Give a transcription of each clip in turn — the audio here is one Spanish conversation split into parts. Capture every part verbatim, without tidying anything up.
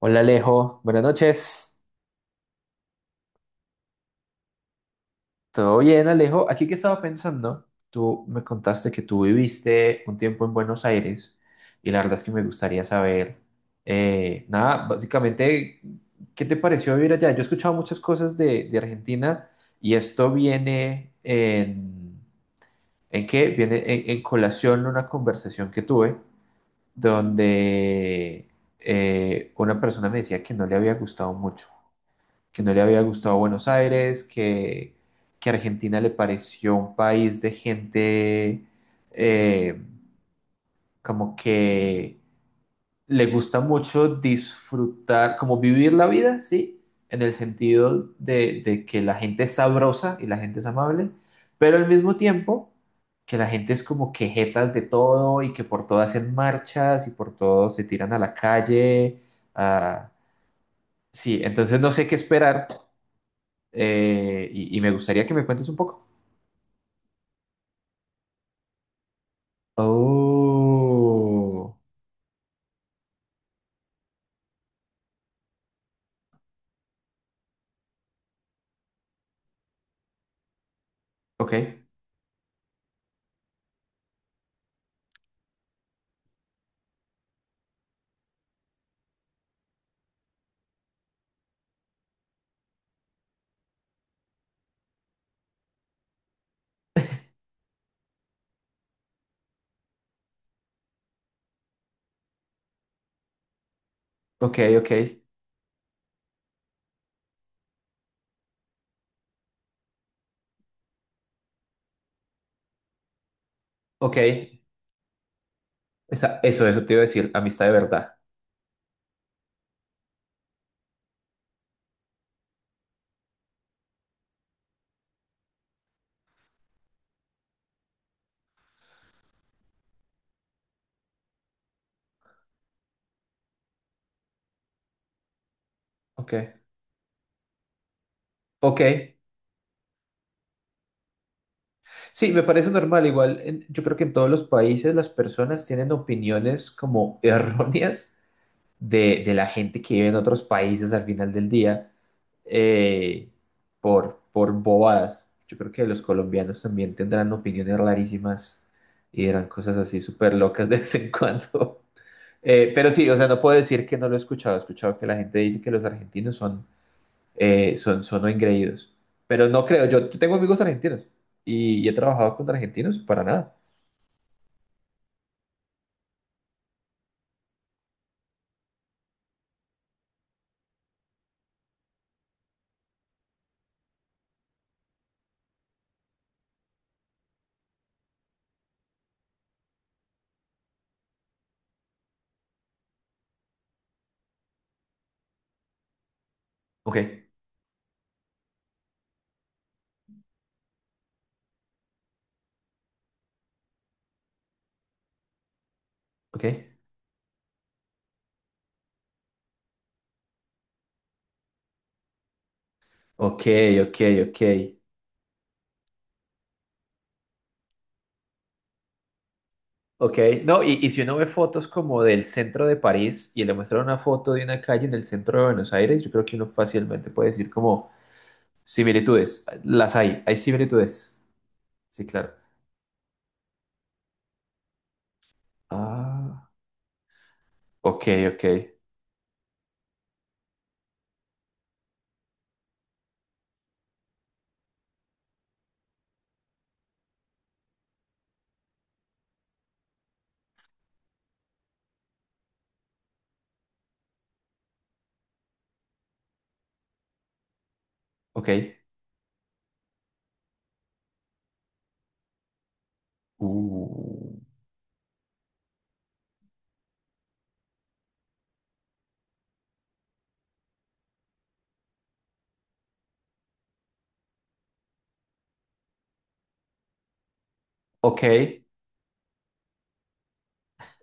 Hola Alejo, buenas noches. ¿Todo bien, Alejo? Aquí que estaba pensando, tú me contaste que tú viviste un tiempo en Buenos Aires y la verdad es que me gustaría saber, eh, nada, básicamente, ¿qué te pareció vivir allá? Yo he escuchado muchas cosas de, de Argentina y esto viene en, ¿en qué? Viene en, en colación una conversación que tuve donde eh, una persona me decía que no le había gustado mucho, que no le había gustado Buenos Aires, que, que Argentina le pareció un país de gente, eh, como que le gusta mucho disfrutar, como vivir la vida, ¿sí? En el sentido de, de que la gente es sabrosa y la gente es amable, pero al mismo tiempo que la gente es como quejetas de todo y que por todo hacen marchas y por todo se tiran a la calle. Ah, sí, entonces no sé qué esperar, eh, y, y me gustaría que me cuentes un poco. Oh, ok, ok, ok, ok. Esa- eso, eso te iba a decir, amistad de verdad. Ok, ok. Sí, me parece normal. Igual, en- yo creo que en todos los países las personas tienen opiniones como erróneas de, de la gente que vive en otros países al final del día. eh, por, por bobadas. Yo creo que los colombianos también tendrán opiniones rarísimas y dirán cosas así súper locas de vez en cuando. Eh, pero sí, o sea, no puedo decir que no lo he escuchado. He escuchado que la gente dice que los argentinos son, eh, son, son engreídos. Pero no creo, yo, yo tengo amigos argentinos y, y he trabajado con argentinos, para nada. Ok, ok, ok, ok, ok. Ok, no, y, y si uno ve fotos como del centro de París y le muestra una foto de una calle en el centro de Buenos Aires, yo creo que uno fácilmente puede decir como similitudes, las hay, hay similitudes. Sí, claro. Ah, ok, ok, ok. Uh, ok,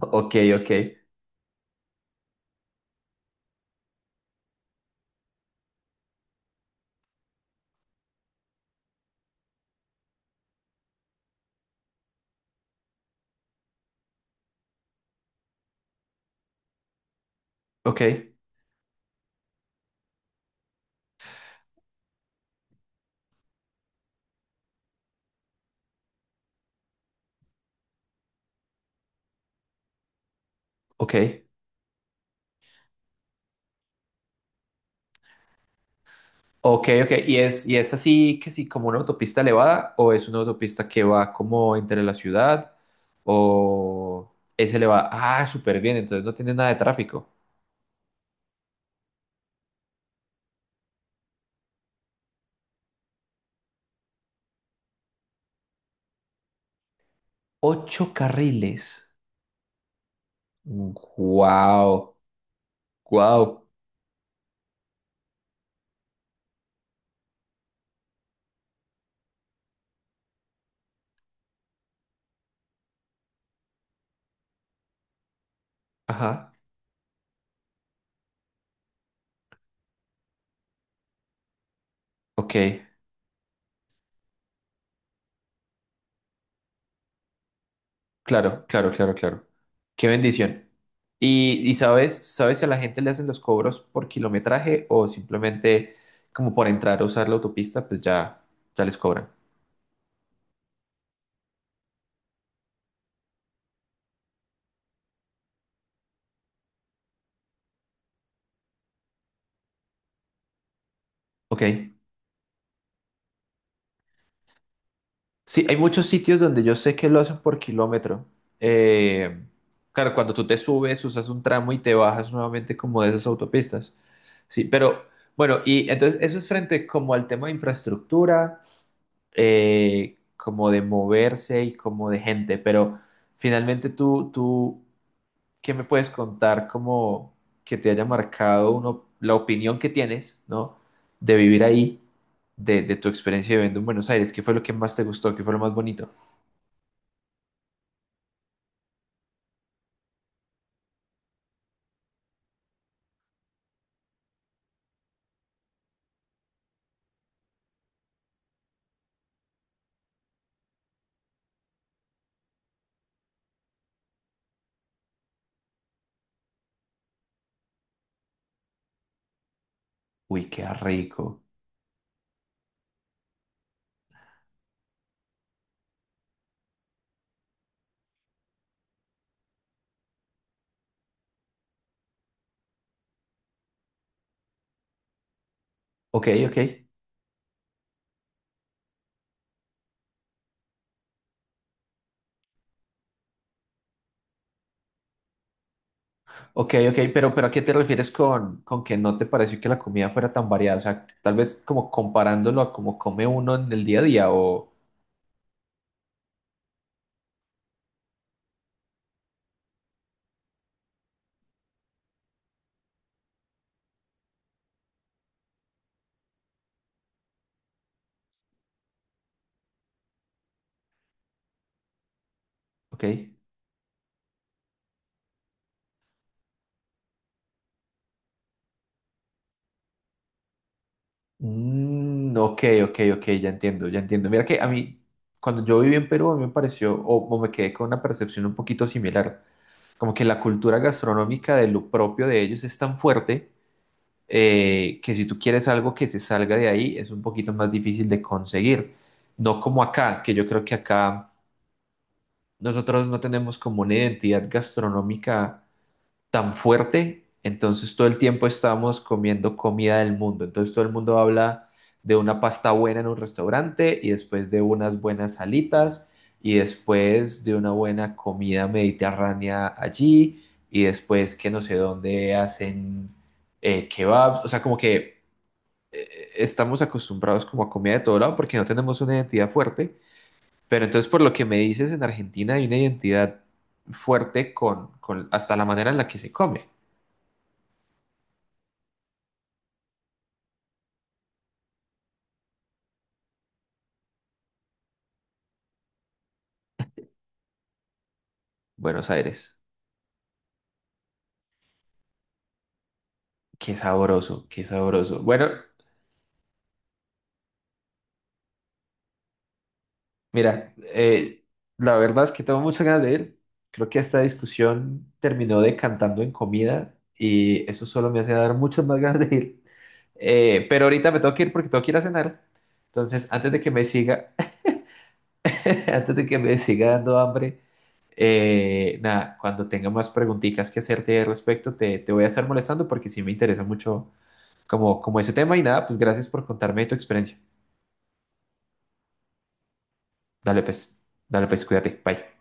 ok, ok, ok, ok, ok, ok. ¿Y es, y es así que sí, como una autopista elevada o es una autopista que va como entre la ciudad? O ese le va, ah, súper bien, entonces no tiene nada de tráfico. Ocho carriles. Wow, wow. Ajá, ok. Claro, claro, claro, claro. Qué bendición. Y, y sabes, sabes si a la gente le hacen los cobros por kilometraje o simplemente como por entrar a usar la autopista, pues ya, ya les cobran. Ok. Sí, hay muchos sitios donde yo sé que lo hacen por kilómetro. Eh, claro, cuando tú te subes, usas un tramo y te bajas nuevamente como de esas autopistas. Sí, pero bueno, y entonces eso es frente como al tema de infraestructura, eh, como de moverse y como de gente, pero finalmente tú, tú, ¿qué me puedes contar como que te haya marcado uno, la opinión que tienes, ¿no? De vivir ahí, de, de tu experiencia viviendo en Buenos Aires, ¿qué fue lo que más te gustó? ¿Qué fue lo más bonito? Uy, qué rico. Ok, ok. Ok, ok, pero, pero ¿a qué te refieres con, con que no te pareció que la comida fuera tan variada? O sea, tal vez como comparándolo a cómo come uno en el día a día o... Ok. Mm, ok, ok, ok, ya entiendo, ya entiendo. Mira que a mí, cuando yo viví en Perú, a mí me pareció, o, o me quedé con una percepción un poquito similar, como que la cultura gastronómica de lo propio de ellos es tan fuerte, eh, que si tú quieres algo que se salga de ahí, es un poquito más difícil de conseguir. No como acá, que yo creo que acá nosotros no tenemos como una identidad gastronómica tan fuerte, entonces todo el tiempo estamos comiendo comida del mundo, entonces todo el mundo habla de una pasta buena en un restaurante y después de unas buenas salitas y después de una buena comida mediterránea allí y después que no sé dónde hacen, eh, kebabs, o sea, como que, eh, eh, estamos acostumbrados como a comida de todo lado porque no tenemos una identidad fuerte, pero entonces por lo que me dices, en Argentina hay una identidad fuerte con, con hasta la manera en la que se come. Buenos Aires, qué sabroso, qué sabroso. Bueno, mira, eh, la verdad es que tengo muchas ganas de ir. Creo que esta discusión terminó decantando en comida y eso solo me hace dar muchas más ganas de ir. Eh, pero ahorita me tengo que ir porque tengo que ir a cenar. Entonces, antes de que me siga, antes de que me siga dando hambre, eh, nada, cuando tenga más preguntitas que hacerte al respecto, te, te voy a estar molestando porque sí me interesa mucho como, como ese tema y nada, pues gracias por contarme tu experiencia. Dale pues, dale pues, cuídate, bye.